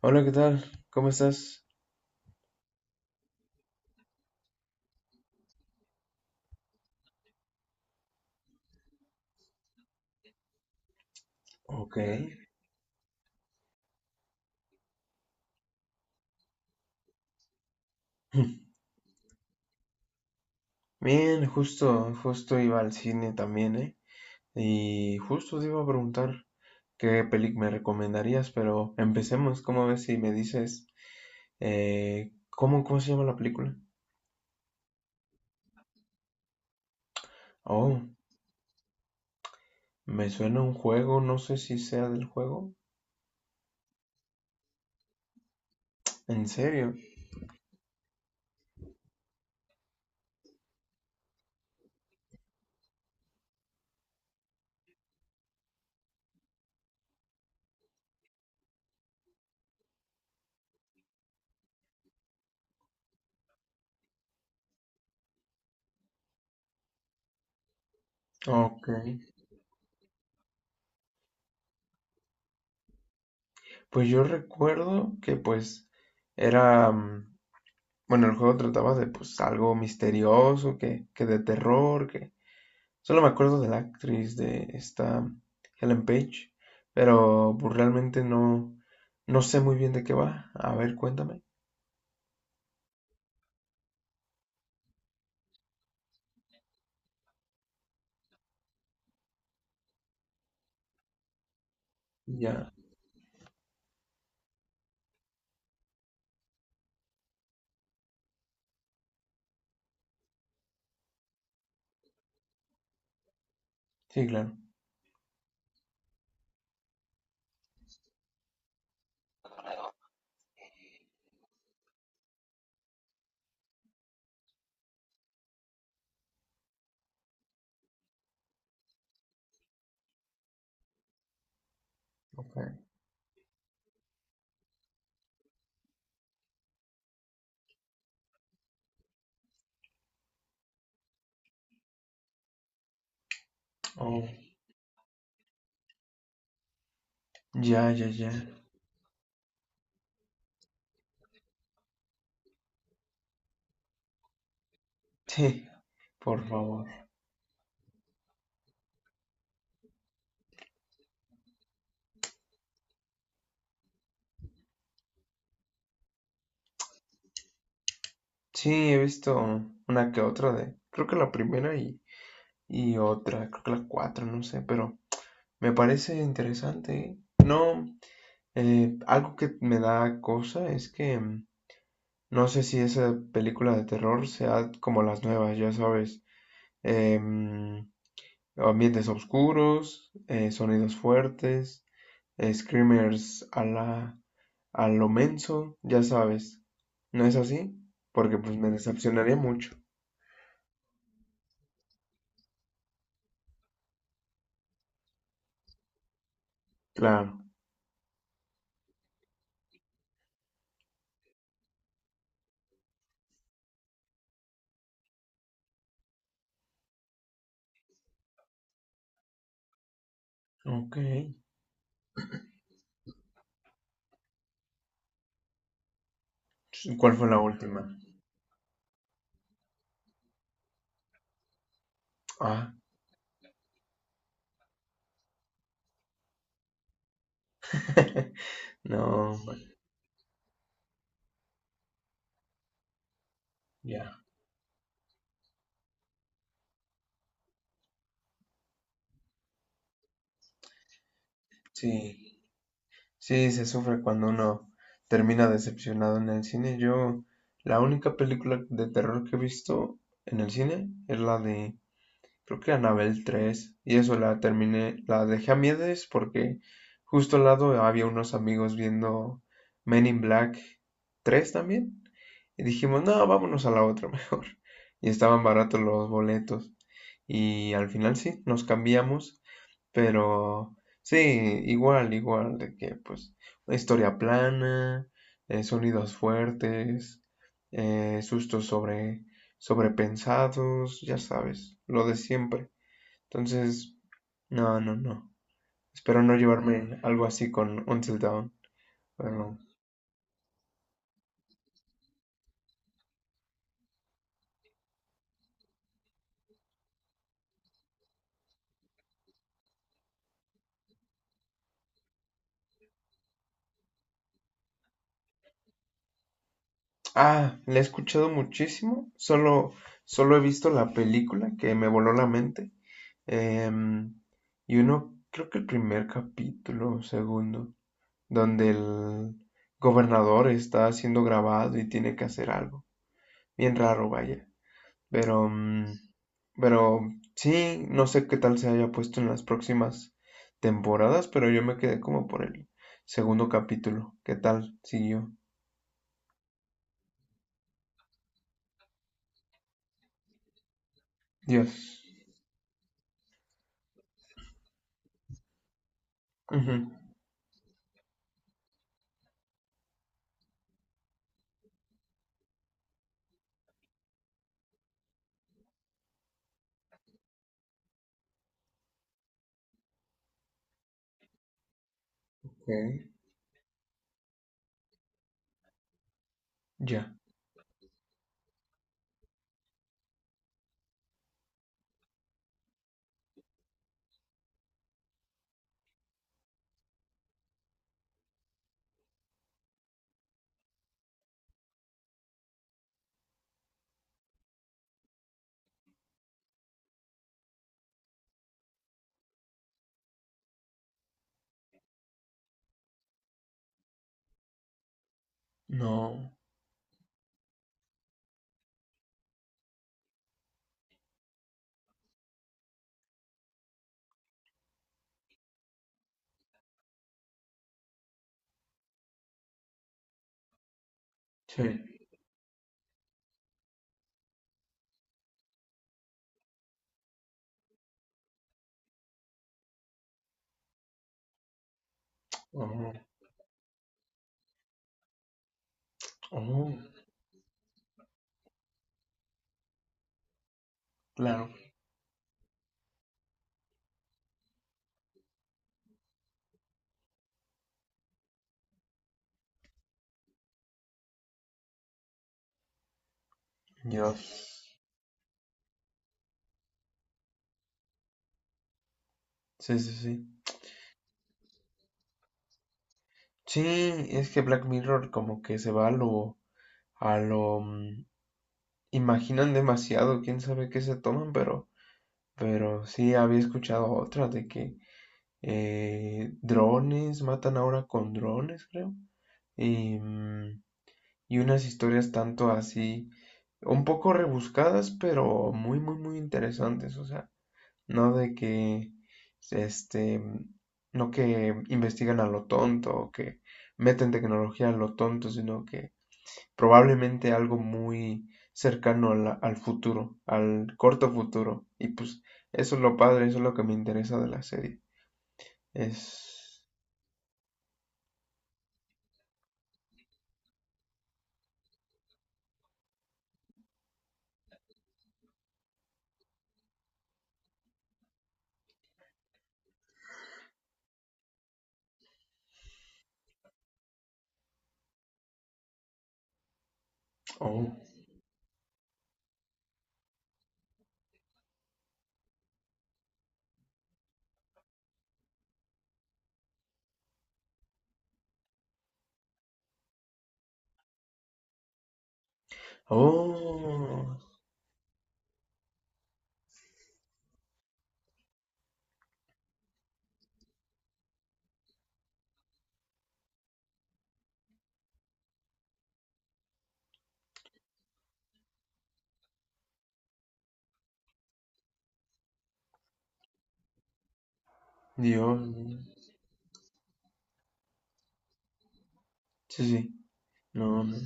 Hola, ¿qué tal? ¿Cómo estás? Ok. Bien, justo iba al cine también, ¿eh? Y justo te iba a preguntar qué película me recomendarías, pero empecemos, ¿cómo ves si me dices, ¿cómo se llama la película? Oh, me suena a un juego, no sé si sea del juego. ¿En serio? Ok. Pues yo recuerdo que pues era, mm, bueno, el juego trataba de pues algo misterioso, que de terror, que solo me acuerdo de la actriz de esta, Ellen Page, pero pues, realmente no, no sé muy bien de qué va. A ver, cuéntame. Ya, sí, claro. Ok. Oh, ya, ya, ya. Sí, por favor. Sí, he visto una que otra, de, creo que la primera y otra, creo que la cuatro, no sé, pero me parece interesante, ¿eh? No, algo que me da cosa es que no sé si esa película de terror sea como las nuevas, ya sabes. em, ambientes oscuros, sonidos fuertes, screamers a la, a lo menso, ya sabes. ¿No es así? Porque pues me decepcionaría mucho. Claro. Ok. ¿Cuál fue la última? Ah, no, bueno, ya. Sí, sí, se sufre cuando uno termina decepcionado en el cine. Yo, la única película de terror que he visto en el cine es la de creo que Anabel tres, y eso la terminé, la dejé a miedes porque justo al lado había unos amigos viendo Men in Black 3 también. Y dijimos, no, vámonos a la otra mejor. Y estaban baratos los boletos. Y al final sí, nos cambiamos, pero sí, igual, igual, de que pues una historia plana, sonidos fuertes, sustos sobre, sobrepensados, ya sabes, lo de siempre. Entonces, no, no, no. Espero no llevarme algo así con Until Dawn. Pero... Ah, la he escuchado muchísimo, solo, solo he visto la película que me voló la mente. Em, y uno, creo que el primer capítulo o segundo, donde el gobernador está siendo grabado y tiene que hacer algo. Bien raro, vaya. Pero, mm, pero sí, no sé qué tal se haya puesto en las próximas temporadas, pero yo me quedé como por el segundo capítulo. ¿Qué tal siguió? Dios. Ujú. Ok. Ya. No. Sí. Oh, oh, claro. Dios. Sí, sí, sí. Sí, es que Black Mirror como que se va a lo, a lo, mm, imaginan demasiado, quién sabe qué se toman, pero sí había escuchado otra de que drones matan ahora con drones, creo. Y, mm, y unas historias tanto así, un poco rebuscadas, pero muy, muy, muy interesantes. O sea, no de que, este, no que investigan a lo tonto o que meten tecnología a lo tonto, sino que probablemente algo muy cercano al, al futuro, al corto futuro. Y pues eso es lo padre, eso es lo que me interesa de la serie. Es... Oh, oh, Dios. Sí, sí. No, no.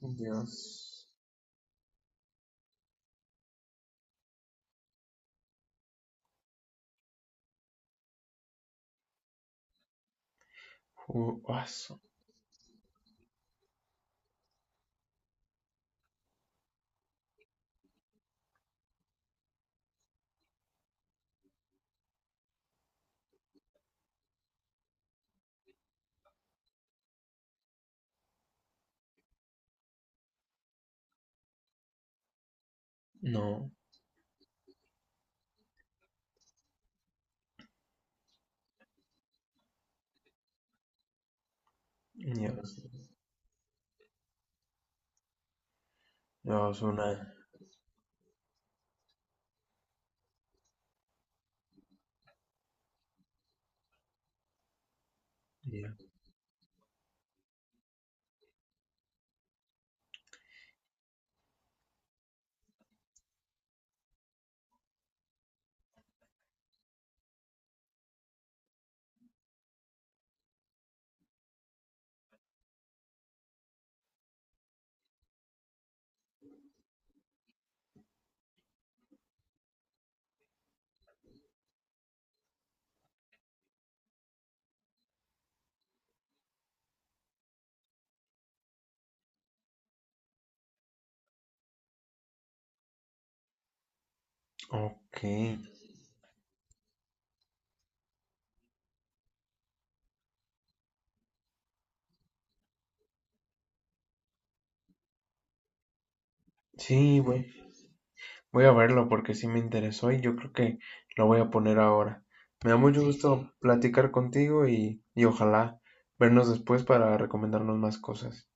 Dios. Ju- aso. No, Dios. Dios, una... Dios. Ok. Sí, güey. Voy a verlo porque sí me interesó y yo creo que lo voy a poner ahora. Me da mucho sí, gusto platicar contigo y ojalá vernos después para recomendarnos más cosas.